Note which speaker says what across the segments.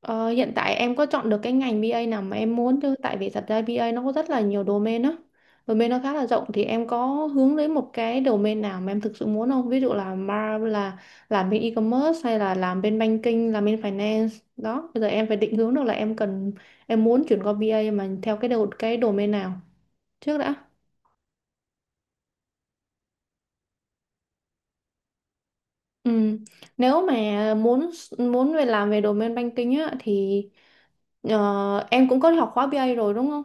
Speaker 1: Ờ, hiện tại em có chọn được cái ngành bê A nào mà em muốn chứ? Tại vì thật ra bê A nó có rất là nhiều domain á, domain nó khá là rộng. Thì em có hướng đến một cái domain nào mà em thực sự muốn không? Ví dụ là mar là làm bên e-commerce hay là làm bên banking, làm bên finance đó. Bây giờ em phải định hướng được là em cần, em muốn chuyển qua bê A mà theo cái đầu cái domain nào trước đã. Ừ. Nếu mà muốn, muốn về làm về domain banking á thì em cũng có học khóa bê A rồi đúng không?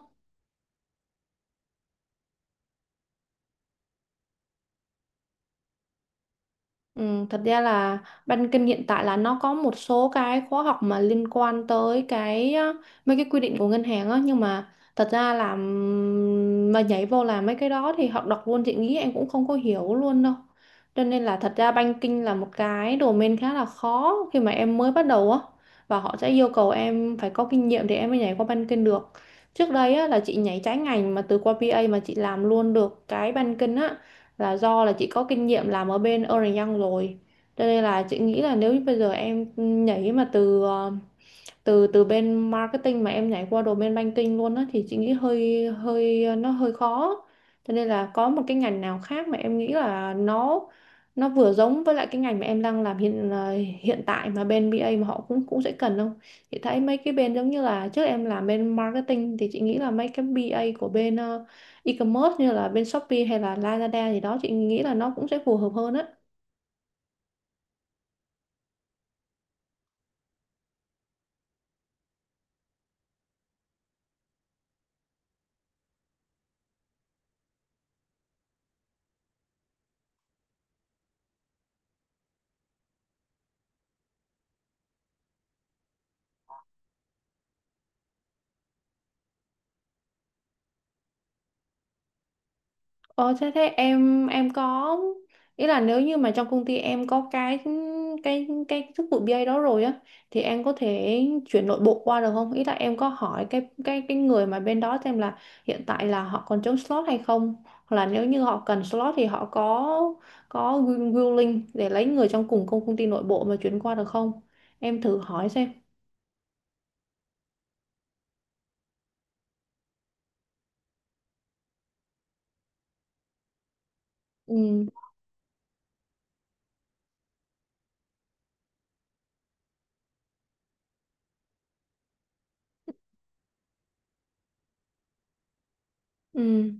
Speaker 1: Ừ, thật ra là ban kinh hiện tại là nó có một số cái khóa học mà liên quan tới cái mấy cái quy định của ngân hàng á, nhưng mà thật ra là mà nhảy vô làm mấy cái đó thì học đọc luôn chị nghĩ em cũng không có hiểu luôn đâu. Cho nên là thật ra banking là một cái domain khá là khó khi mà em mới bắt đầu á, và họ sẽ yêu cầu em phải có kinh nghiệm thì em mới nhảy qua banking được. Trước đây á là chị nhảy trái ngành mà từ qua BA mà chị làm luôn được cái banking á là do là chị có kinh nghiệm làm ở bên Ernst Young rồi. Cho nên là chị nghĩ là nếu như bây giờ em nhảy mà từ từ từ bên marketing mà em nhảy qua đồ bên banking luôn á thì chị nghĩ hơi hơi nó hơi khó. Cho nên là có một cái ngành nào khác mà em nghĩ là nó vừa giống với lại cái ngành mà em đang làm hiện tại mà bên BA mà họ cũng cũng sẽ cần không? Chị thấy mấy cái bên giống như là trước em làm bên marketing thì chị nghĩ là mấy cái BA của bên e-commerce như là bên Shopee hay là Lazada gì đó chị nghĩ là nó cũng sẽ phù hợp hơn á. Ờ, thế thế em có ý là nếu như mà trong công ty em có cái cái chức vụ BA đó rồi á thì em có thể chuyển nội bộ qua được không? Ý là em có hỏi cái cái người mà bên đó xem là hiện tại là họ còn trống slot hay không? Hoặc là nếu như họ cần slot thì họ có willing để lấy người trong cùng công công ty nội bộ mà chuyển qua được không? Em thử hỏi xem. Ừ ừ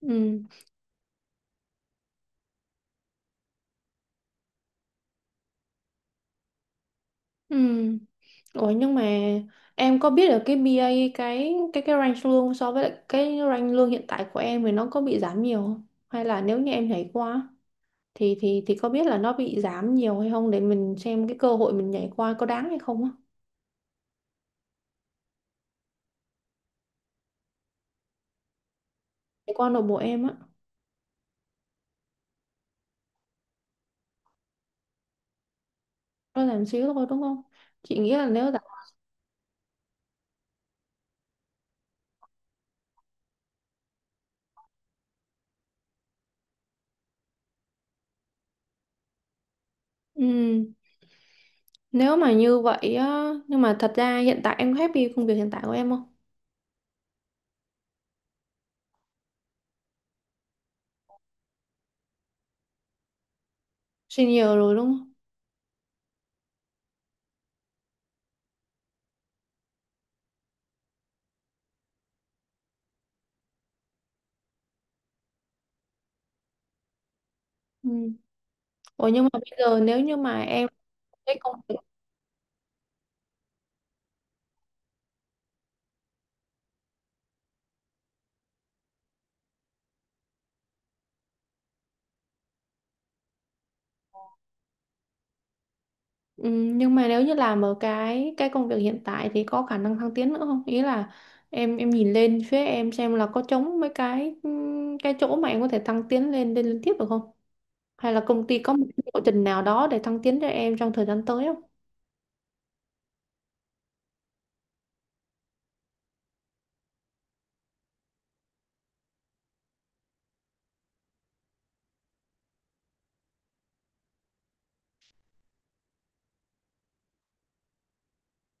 Speaker 1: ừ ừ. Ủa nhưng mà em có biết được cái BA, cái cái range lương so với lại cái range lương hiện tại của em thì nó có bị giảm nhiều không? Hay là nếu như em nhảy qua thì thì có biết là nó bị giảm nhiều hay không để mình xem cái cơ hội mình nhảy qua có đáng hay không á. Nhảy qua nội bộ em á, nó giảm xíu thôi đúng không? Chị nghĩ là nếu giảm, ừ, nếu mà như vậy á, nhưng mà thật ra hiện tại em happy công việc hiện tại của em không? Senior rồi đúng không? Ừ. Ủa nhưng mà bây giờ nếu như mà em cái công Ừ, nhưng mà nếu như làm ở cái công việc hiện tại thì có khả năng thăng tiến nữa không? Ý là em nhìn lên phía em xem là có trống mấy cái chỗ mà em có thể thăng tiến lên, lên liên tiếp được không? Hay là công ty có một cái lộ trình nào đó để thăng tiến cho em trong thời gian tới không?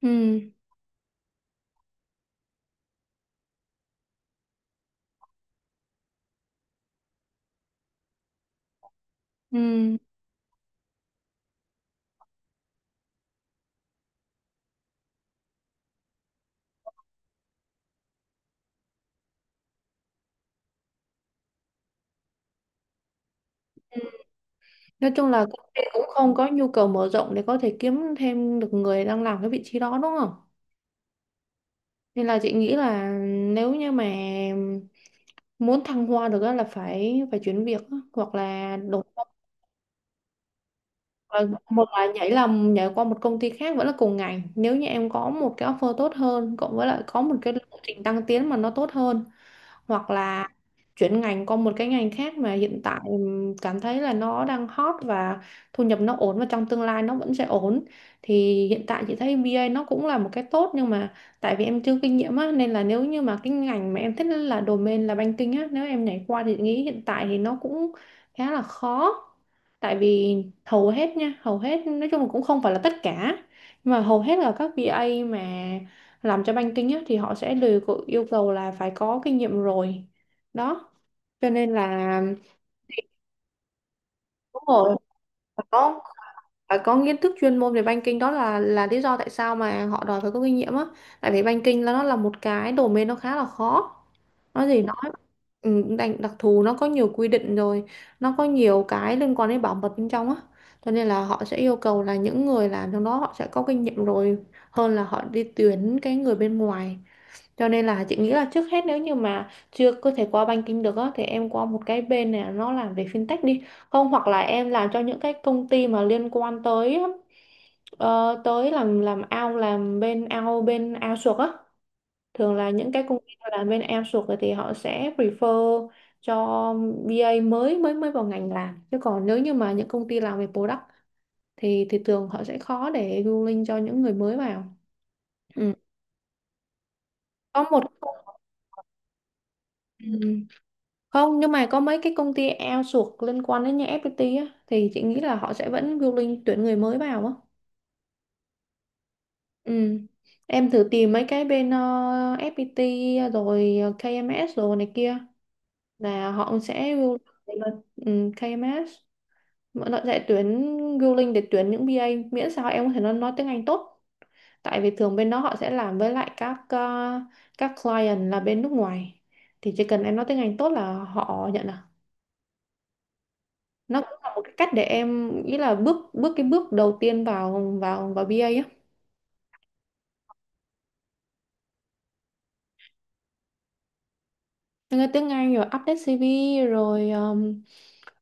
Speaker 1: Ừ, ừ. Nói chung là công ty cũng không có nhu cầu mở rộng để có thể kiếm thêm được người đang làm cái vị trí đó đúng không? Nên là chị nghĩ là nếu như mà muốn thăng hoa được á là phải phải chuyển việc á, hoặc là đổi. Và một là nhảy, là nhảy qua một công ty khác vẫn là cùng ngành nếu như em có một cái offer tốt hơn cộng với lại có một cái lộ trình tăng tiến mà nó tốt hơn, hoặc là chuyển ngành qua một cái ngành khác mà hiện tại cảm thấy là nó đang hot và thu nhập nó ổn và trong tương lai nó vẫn sẽ ổn. Thì hiện tại chị thấy bê a nó cũng là một cái tốt, nhưng mà tại vì em chưa kinh nghiệm á nên là nếu như mà cái ngành mà em thích là domain là banking á, nếu em nhảy qua thì chị nghĩ hiện tại thì nó cũng khá là khó. Tại vì hầu hết nói chung là cũng không phải là tất cả, nhưng mà hầu hết là các bê a mà làm cho banking á, thì họ sẽ đều có yêu cầu là phải có kinh nghiệm rồi đó. Cho nên là đúng rồi, phải có phải có kiến thức chuyên môn về banking đó là lý do tại sao mà họ đòi phải có kinh nghiệm á. Tại vì banking là nó là một cái domain nó khá là khó. Nói gì nói ừ, đặc thù nó có nhiều quy định rồi, nó có nhiều cái liên quan đến bảo mật bên trong á. Cho nên là họ sẽ yêu cầu là những người làm trong đó họ sẽ có kinh nghiệm rồi, hơn là họ đi tuyển cái người bên ngoài. Cho nên là chị nghĩ là trước hết nếu như mà chưa có thể qua banking được á thì em qua một cái bên này nó làm về fintech đi, không hoặc là em làm cho những cái công ty mà liên quan tới tới làm ao, làm bên ao, bên ao suộc á. Thường là những cái công ty tôi làm bên em sụt rồi thì họ sẽ prefer cho BA mới mới mới vào ngành làm, chứ còn nếu như mà những công ty làm về product thì thường họ sẽ khó để ruling cho những người mới vào. Ừ. Có một, ừ. Không, nhưng mà có mấy cái công ty outsource liên quan đến như FPT á, thì chị nghĩ là họ sẽ vẫn ruling tuyển người mới vào á. Ừ. Em thử tìm mấy cái bên FPT rồi KMS rồi này kia là họ cũng sẽ rule, là KMS mọi loại sẽ tuyển, ruling để tuyển những BA, miễn sao em có thể nói tiếng Anh tốt. Tại vì thường bên đó họ sẽ làm với lại các các client là bên nước ngoài, thì chỉ cần em nói tiếng Anh tốt là họ nhận à. Nó cũng là một cái cách để em, ý là bước bước cái bước đầu tiên vào vào vào BA á. Em tiếng Anh rồi update CV rồi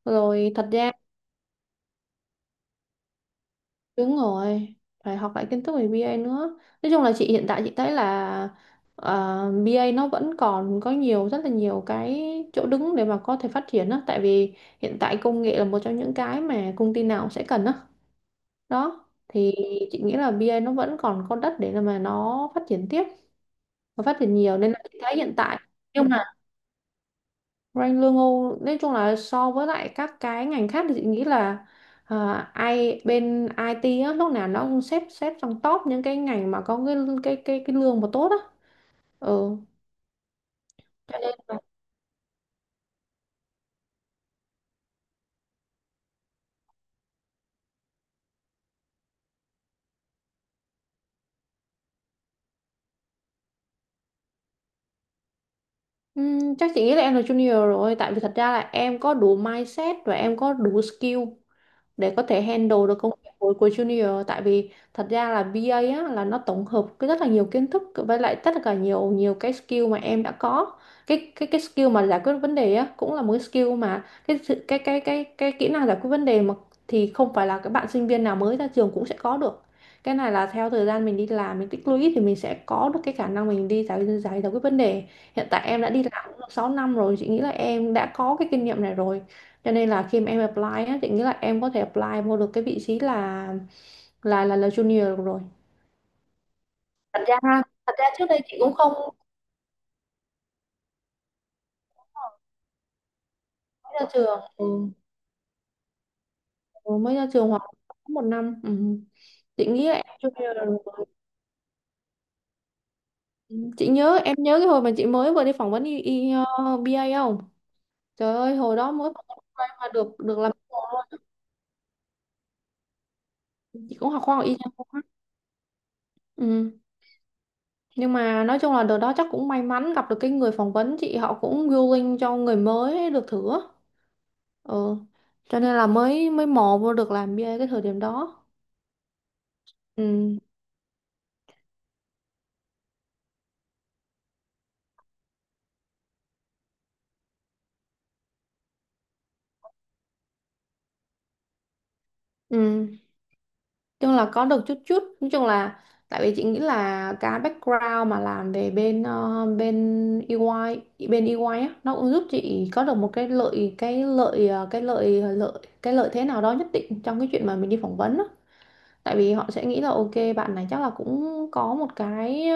Speaker 1: rồi thật ra. Đúng rồi, phải học lại kiến thức về bê A nữa. Nói chung là chị hiện tại chị thấy là bê A nó vẫn còn có nhiều, rất là nhiều cái chỗ đứng để mà có thể phát triển á, tại vì hiện tại công nghệ là một trong những cái mà công ty nào cũng sẽ cần á. Đó, thì chị nghĩ là bê A nó vẫn còn có đất để mà nó phát triển tiếp và phát triển nhiều, nên là chị thấy hiện tại, nhưng mà Rank lương Âu nói chung là so với lại các cái ngành khác thì chị nghĩ là à, ai bên IT á, lúc nào nó cũng xếp xếp trong top những cái ngành mà có cái cái cái lương mà tốt á. Ừ. Cho nên là chắc chị nghĩ là em là junior rồi, tại vì thật ra là em có đủ mindset và em có đủ skill để có thể handle được công việc của junior. Tại vì thật ra là BA á, là nó tổng hợp cái rất là nhiều kiến thức với lại tất cả nhiều nhiều cái skill mà em đã có. Cái skill mà giải quyết vấn đề á cũng là một cái skill mà cái sự- cái kỹ năng giải quyết vấn đề mà thì không phải là các bạn sinh viên nào mới ra trường cũng sẽ có được. Cái này là theo thời gian mình đi làm mình tích lũy thì mình sẽ có được cái khả năng mình đi giải giải giải quyết vấn đề. Hiện tại em đã đi làm cũng được 6 năm rồi, chị nghĩ là em đã có cái kinh nghiệm này rồi. Cho nên là khi mà em apply á, chị nghĩ là em có thể apply vô được cái vị trí là junior được rồi. Thật ra trước đây chị cũng không, mới ra trường ừ. Ừ, mới ra trường hoặc có một năm, ừ. Chị nghĩ là em junior được rồi. Ừ, chị nhớ em nhớ cái hồi mà chị mới vừa đi phỏng vấn y, y, ờ, BA không, trời ơi hồi đó mới phỏng vấn BA mà được, được làm mentor luôn. Chị cũng học khoa học y nha. Ừ. Nhưng mà nói chung là đợt đó chắc cũng may mắn gặp được cái người phỏng vấn chị, họ cũng willing cho người mới được thử á. Ừ, cho nên là mới mới mò vô được làm bia cái thời điểm đó. Ừ. Ừ, chung là có được chút chút nói chung là tại vì chị nghĩ là cái background mà làm về bên EY, bên EY á, nó cũng giúp chị có được một cái lợi, cái lợi thế nào đó nhất định trong cái chuyện mà mình đi phỏng vấn á. Tại vì họ sẽ nghĩ là ok, bạn này chắc là cũng có một cái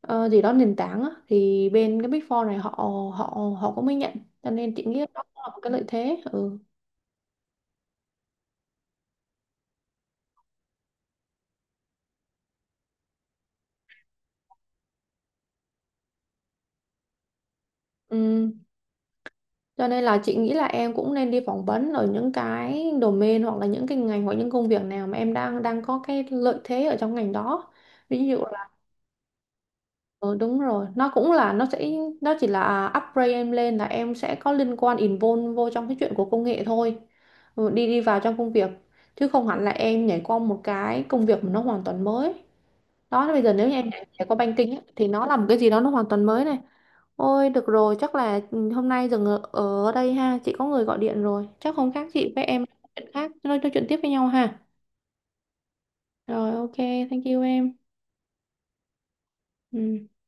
Speaker 1: gì đó nền tảng á, thì bên cái Big Four này họ họ, họ cũng mới nhận. Cho nên chị nghĩ đó cũng là một cái lợi thế. Ừ. Ừm, cho nên là chị nghĩ là em cũng nên đi phỏng vấn ở những cái domain hoặc là những cái ngành hoặc những công việc nào mà em đang đang có cái lợi thế ở trong ngành đó. Ví dụ là ừ, đúng rồi, nó cũng là nó sẽ, nó chỉ là upgrade em lên là em sẽ có liên quan, involve vô trong cái chuyện của công nghệ thôi. Ừ, đi đi vào trong công việc, chứ không hẳn là em nhảy qua một cái công việc mà nó hoàn toàn mới. Đó, bây giờ nếu như em đã có banking á, thì nó là một cái gì đó nó hoàn toàn mới này. Ôi được rồi, chắc là ừ, hôm nay dừng ở, ở đây ha, chị có người gọi điện rồi, chắc không khác chị với em nói chuyện khác, nói chuyện tiếp với nhau ha. Rồi ok, thank you em. Ừ.